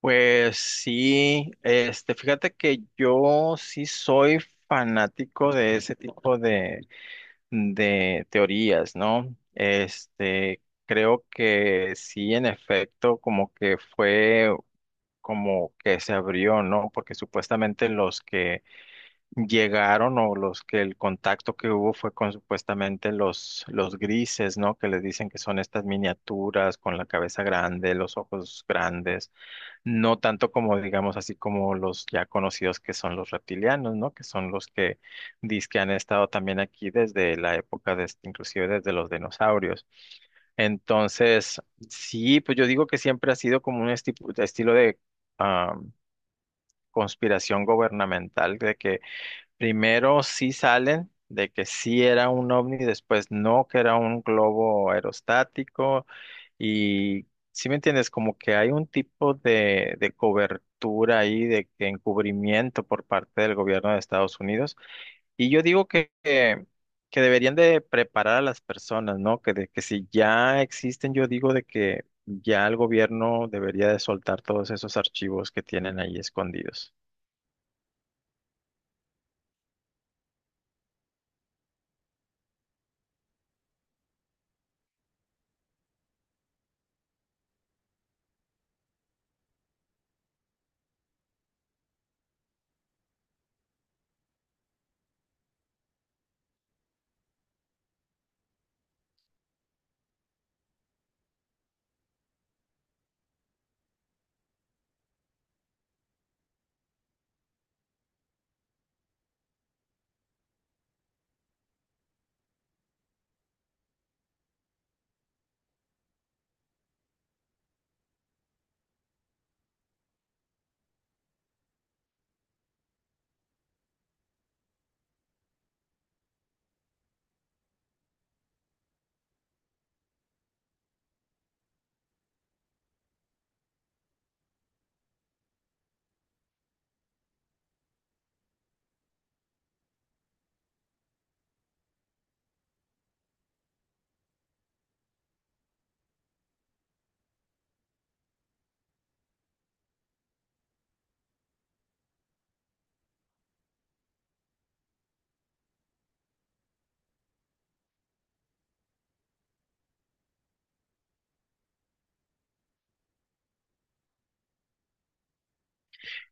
Pues sí, este, fíjate que yo sí soy fanático de ese tipo de teorías, ¿no? Este, creo que sí, en efecto, como que fue como que se abrió, ¿no? Porque supuestamente los que llegaron o los que el contacto que hubo fue con supuestamente los grises, ¿no? Que les dicen que son estas miniaturas con la cabeza grande, los ojos grandes. No tanto como, digamos, así como los ya conocidos que son los reptilianos, ¿no? Que son los que dizque han estado también aquí desde la época inclusive desde los dinosaurios. Entonces, sí, pues yo digo que siempre ha sido como un estilo de ah, conspiración gubernamental, de que primero sí salen de que sí era un ovni, después no, que era un globo aerostático. Y si me entiendes, como que hay un tipo de cobertura ahí, de que encubrimiento por parte del gobierno de Estados Unidos. Y yo digo que deberían de preparar a las personas, ¿no? Que si ya existen, yo digo de que ya el gobierno debería de soltar todos esos archivos que tienen ahí escondidos.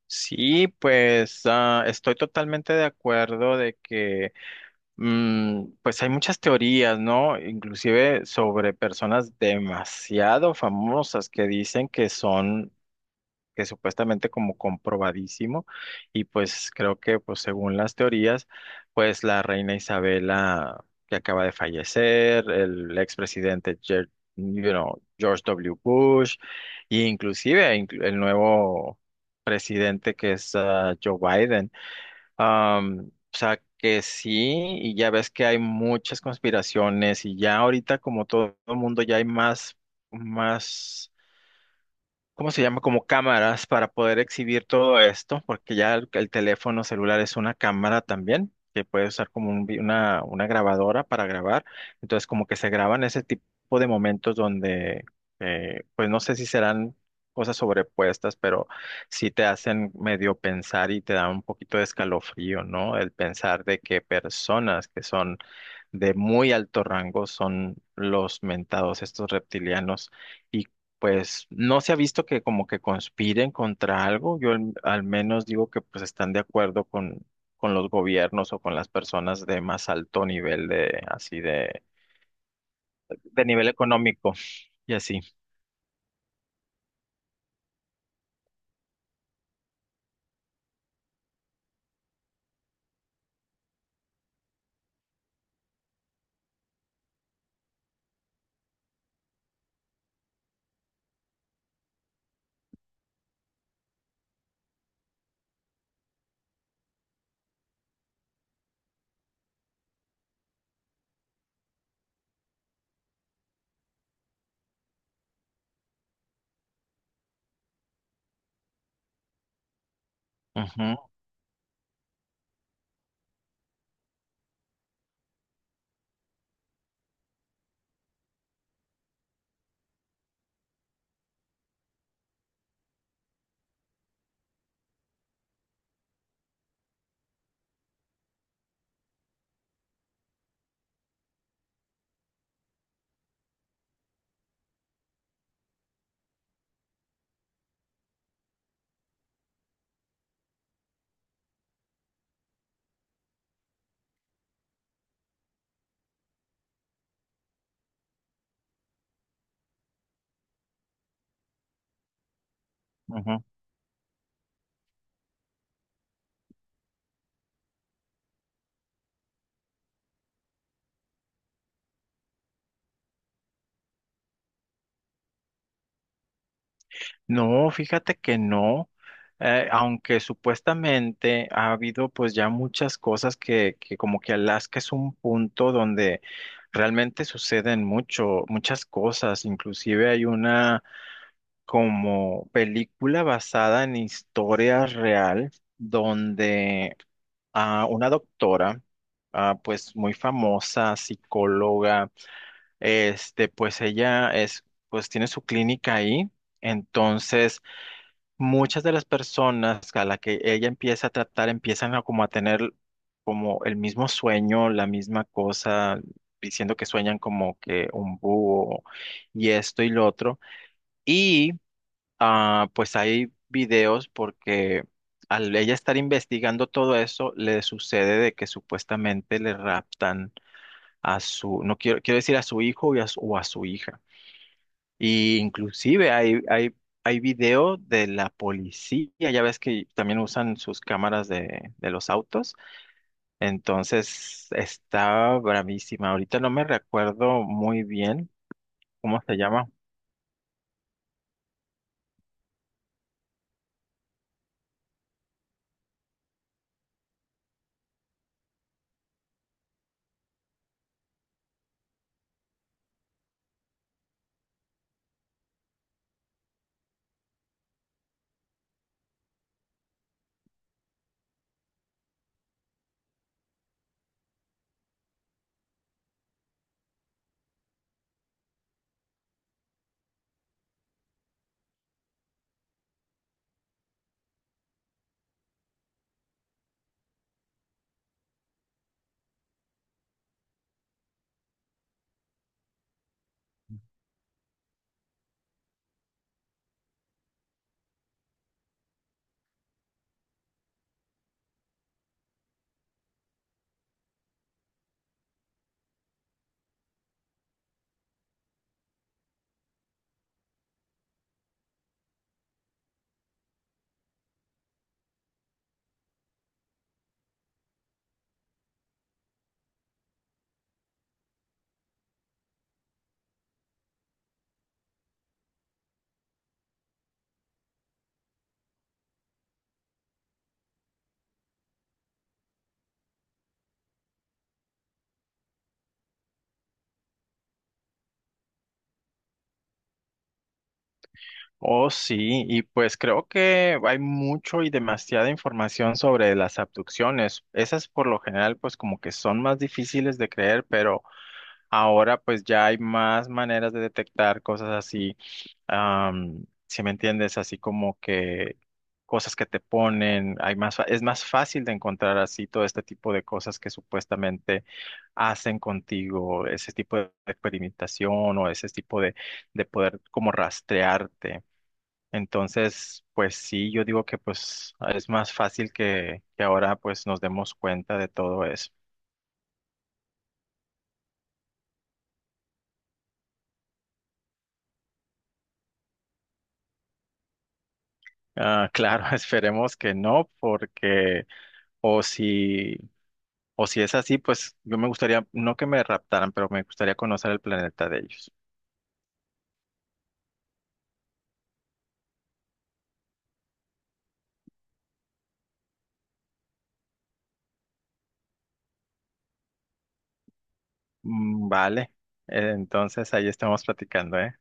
Sí, pues estoy totalmente de acuerdo de que pues hay muchas teorías, ¿no? Inclusive sobre personas demasiado famosas que dicen que son que supuestamente como comprobadísimo, y pues creo que pues según las teorías pues la reina Isabela, que acaba de fallecer, el expresidente George W. Bush e inclusive el nuevo presidente, que es Joe Biden. Am, o sea que sí, y ya ves que hay muchas conspiraciones, y ya ahorita como todo el mundo ya hay más ¿cómo se llama? Como cámaras para poder exhibir todo esto, porque ya el teléfono celular es una cámara también, que puede usar como una grabadora para grabar. Entonces, como que se graban ese tipo de momentos donde, pues no sé si serán cosas sobrepuestas, pero sí te hacen medio pensar y te da un poquito de escalofrío, ¿no? El pensar de que personas que son de muy alto rango son los mentados, estos reptilianos, y pues no se ha visto que como que conspiren contra algo. Yo al menos digo que pues están de acuerdo con los gobiernos o con las personas de más alto nivel, de así, de nivel económico y así. Ujú, ujú. No, fíjate que no, aunque supuestamente ha habido pues ya muchas cosas que como que Alaska es un punto donde realmente suceden mucho, muchas cosas. Inclusive hay una como película basada en historia real, donde a una doctora pues muy famosa, psicóloga, este pues ella es, pues tiene su clínica ahí. Entonces muchas de las personas a la que ella empieza a tratar empiezan a como a tener como el mismo sueño, la misma cosa, diciendo que sueñan como que un búho y esto y lo otro. Y pues hay videos porque al ella estar investigando todo eso, le sucede de que supuestamente le raptan a su, no quiero, quiero decir, a su hijo y a o a su hija. Y inclusive hay video de la policía, ya ves que también usan sus cámaras de los autos. Entonces está bravísima. Ahorita no me recuerdo muy bien cómo se llama. Oh, sí, y pues creo que hay mucho y demasiada información sobre las abducciones. Esas por lo general pues como que son más difíciles de creer, pero... Ahora pues ya hay más maneras de detectar cosas así, si me entiendes, así como que cosas que te ponen. Hay más, es más fácil de encontrar así todo este tipo de cosas que supuestamente hacen contigo, ese tipo de experimentación o ese tipo de poder como rastrearte. Entonces, pues sí, yo digo que pues es más fácil que ahora pues nos demos cuenta de todo eso. Ah, claro, esperemos que no, porque O si, o si es así, pues yo me gustaría, no que me raptaran, pero me gustaría conocer el planeta de ellos. Mm, vale, entonces ahí estamos platicando, ¿eh?